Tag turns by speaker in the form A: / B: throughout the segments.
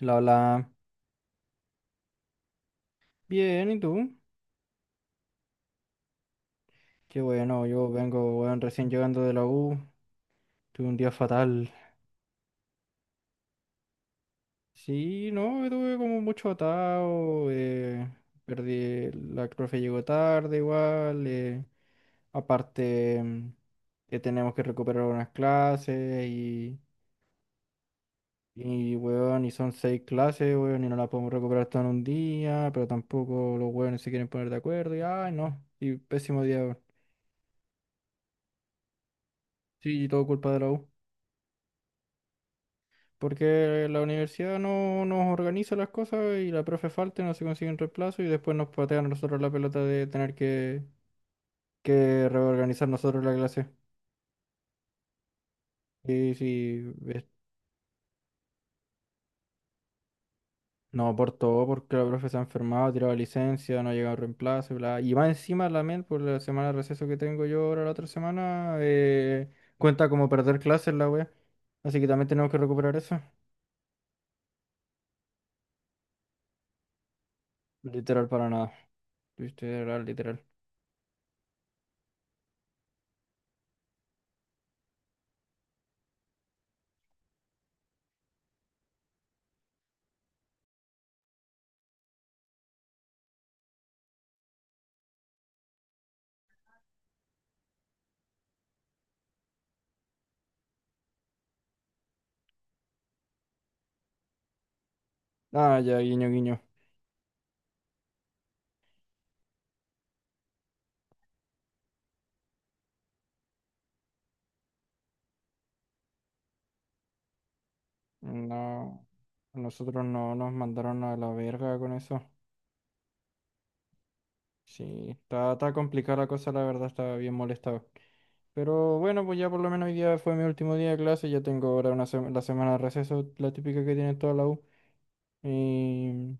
A: La, la. Bien, ¿y tú? Qué bueno, yo vengo, weón, recién llegando de la U. Tuve un día fatal. Sí, no, tuve como mucho atado. Perdí, la profe llegó tarde igual. Aparte, que tenemos que recuperar unas clases y, weón, y son seis clases, weón, y no las podemos recuperar todo en un día, pero tampoco los weones se quieren poner de acuerdo y, ay, no, y pésimo día, weón. Sí, y todo culpa de la U. Porque la universidad no nos organiza las cosas y la profe falta, y no se consigue un reemplazo y después nos patean a nosotros la pelota de tener que reorganizar nosotros la clase. Y si es- no aportó porque la profe se ha enfermado, ha tirado licencia, no ha llegado reemplazo, bla. Y más encima la MEL, por la semana de receso que tengo yo ahora la otra semana, cuenta como perder clases la wea. Así que también tenemos que recuperar eso. Literal para nada. Literal, literal. Ah, ya, guiño, guiño. No, a nosotros no nos mandaron a la verga con eso. Sí, está complicada la cosa, la verdad, estaba bien molestado. Pero bueno, pues ya por lo menos hoy día fue mi último día de clase, ya tengo ahora la semana de receso, la típica que tiene toda la U. Y,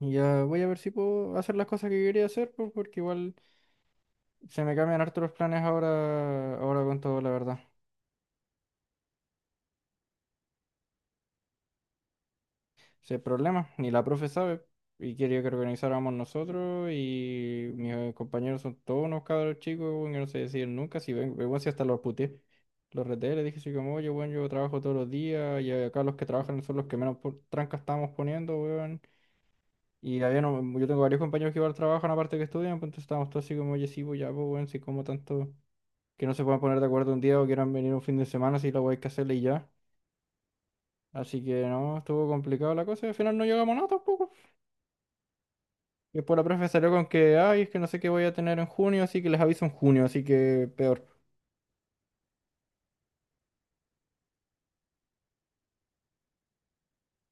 A: y ya voy a ver si puedo hacer las cosas que quería hacer, pues, porque igual se me cambian hartos los planes ahora con todo, la verdad. Si hay problema, ni la profe sabe. Y quería que organizáramos nosotros y mis compañeros son todos unos cabros chicos, weón, que no se deciden nunca. Si ven, igual si hasta los puteé. Los reté, les dije así como, oye, weón, yo trabajo todos los días y acá los que trabajan son los que menos trancas estamos poniendo, weón. Y había, yo tengo varios compañeros que igual trabajan aparte que estudian, pues entonces estábamos todos así como, oye, sí, pues ya, pues, weón, si como tanto que no se puedan poner de acuerdo un día o quieran venir un fin de semana, si la weá hay que hacerle y ya. Así que no, estuvo complicado la cosa y al final no llegamos a nada tampoco. Y después la profe salió con que, ay, es que no sé qué voy a tener en junio, así que les aviso en junio, así que peor.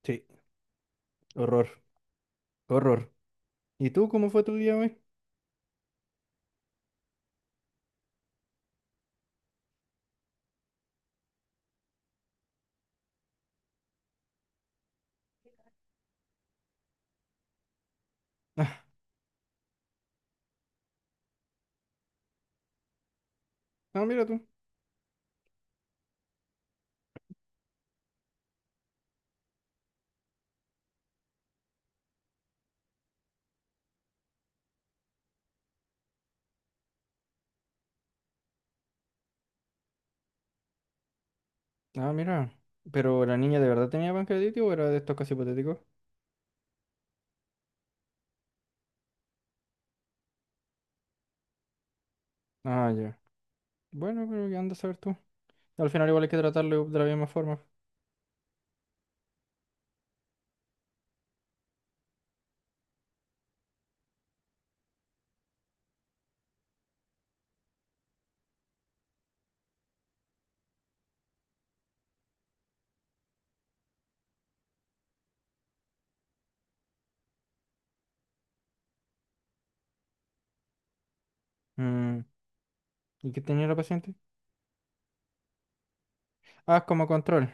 A: Sí, horror, horror. ¿Y tú cómo fue tu día hoy? Ah, no, mira tú. Ah, mira. ¿Pero la niña de verdad tenía pancreatitis o era de estos casos hipotéticos? Ah, ya. Bueno, pero ¿qué andas a saber tú? Al final igual hay que tratarlo de la misma forma. Mm. ¿Y qué tenía la paciente? Ah, como control.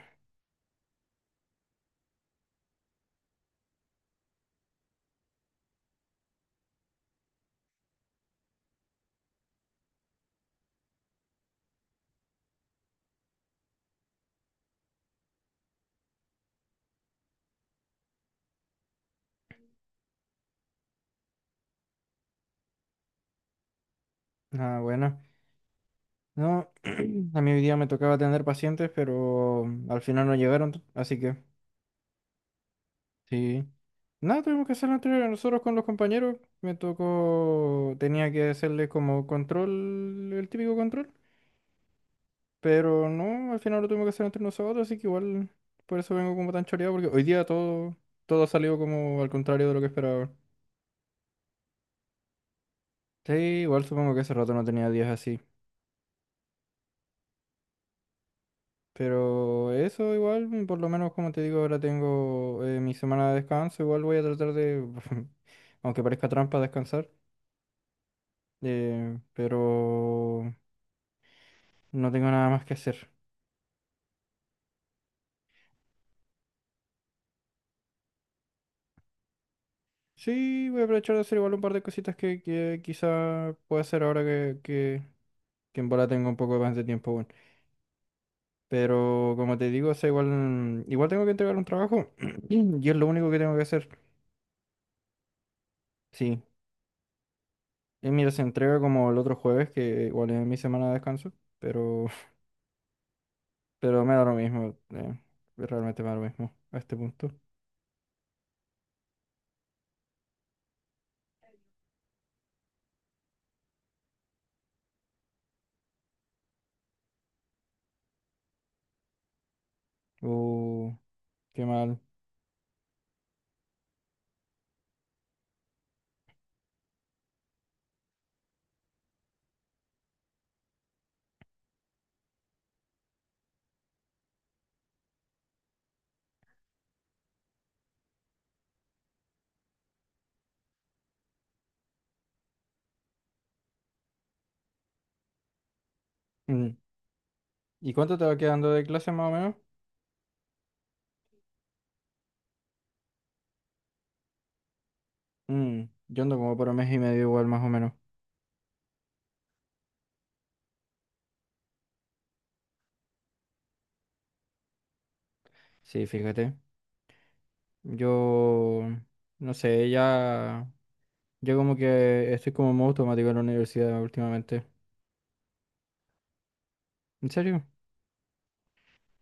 A: Ah, bueno. No, a mí hoy día me tocaba atender pacientes, pero al final no llegaron, así que... Sí. Nada, tuvimos que hacer la entrega nosotros con los compañeros. Me tocó, tenía que hacerle como control, el típico control. Pero no, al final lo tuvimos que hacer entre nosotros, así que igual por eso vengo como tan choreado, porque hoy día todo ha salido como al contrario de lo que esperaba. Sí, igual supongo que hace rato no tenía días así. Pero eso igual, por lo menos como te digo, ahora tengo mi semana de descanso, igual voy a tratar de, aunque parezca trampa, descansar. Pero... No tengo nada más que hacer. Sí, voy a aprovechar de hacer igual un par de cositas que quizá pueda hacer ahora que en bola tengo un poco más de tiempo, bueno. Pero como te digo, o sea, igual tengo que entregar un trabajo y es lo único que tengo que hacer. Sí, y mira, se entrega como el otro jueves, que igual es mi semana de descanso, pero, pero me da lo mismo, realmente me da lo mismo a este punto. Uh, Qué mal. Mm. ¿Y cuánto te va quedando de clase más o menos? Yo ando como por un mes y medio igual más o menos. Sí, fíjate. Yo, no sé, ya, yo como que estoy como en modo automático en la universidad últimamente. ¿En serio?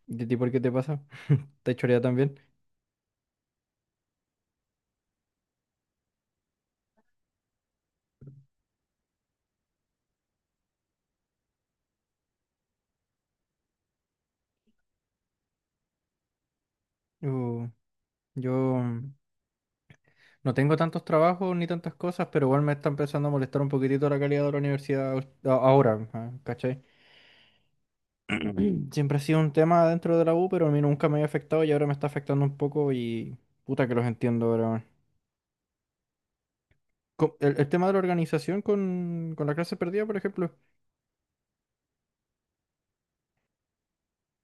A: ¿Y a ti por qué te pasa? ¿Te chorea también? Yo, yo no tengo tantos trabajos ni tantas cosas, pero igual me está empezando a molestar un poquitito la calidad de la universidad ahora, ¿cachai? Siempre ha sido un tema dentro de la U, pero a mí nunca me había afectado y ahora me está afectando un poco y puta que los entiendo, ahora, weón. El tema de la organización con la clase perdida, por ejemplo.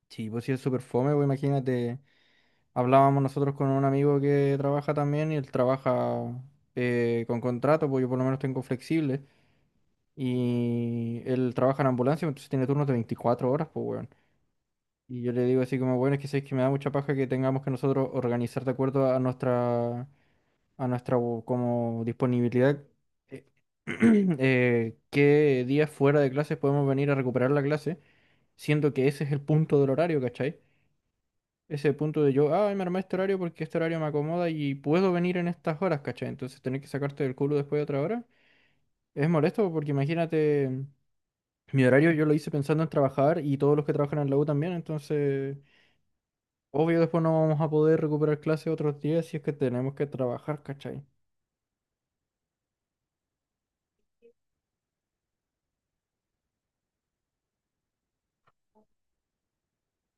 A: Sí, pues sí es súper fome, pues imagínate, hablábamos nosotros con un amigo que trabaja también y él trabaja con contrato, pues yo por lo menos tengo flexible y él trabaja en ambulancia, entonces tiene turnos de 24 horas, pues weón. Y yo le digo así como, bueno, es que sabes que me da mucha paja que tengamos que nosotros organizar de acuerdo a nuestra como disponibilidad, eh, qué días fuera de clases podemos venir a recuperar la clase, siendo que ese es el punto del horario, ¿cachai? Ese punto de yo, me armé este horario porque este horario me acomoda y puedo venir en estas horas, ¿cachai? Entonces tener que sacarte del culo después de otra hora es molesto porque imagínate, mi horario yo lo hice pensando en trabajar y todos los que trabajan en la U también, entonces obvio después no vamos a poder recuperar clases otros días si es que tenemos que trabajar, ¿cachai?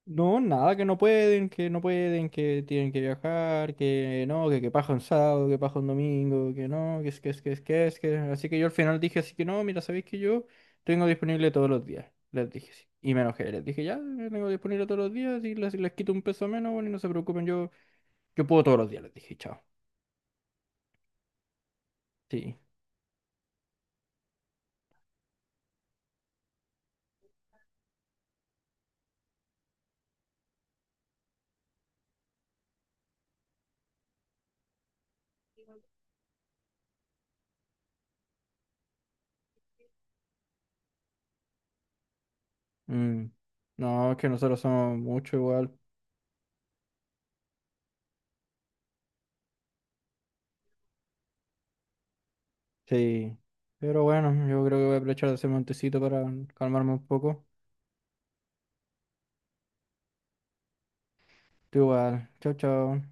A: No, nada, que no pueden, que no pueden, que tienen que viajar, que no, que paja un sábado, que paja un domingo, que no, que es, que es, que es, que es, que... Así que yo al final dije así que no, mira, ¿sabéis que yo tengo disponible todos los días? Les dije así. Y me enojé, les dije ya, yo tengo disponible todos los días y les quito un peso menos, bueno, y no se preocupen, yo puedo todos los días, les dije, chao. Sí. mm, No, es que nosotros somos mucho igual. Sí. Pero bueno, yo creo que voy a aprovechar de ese montecito para calmarme un poco. Tú igual. Chao, chao.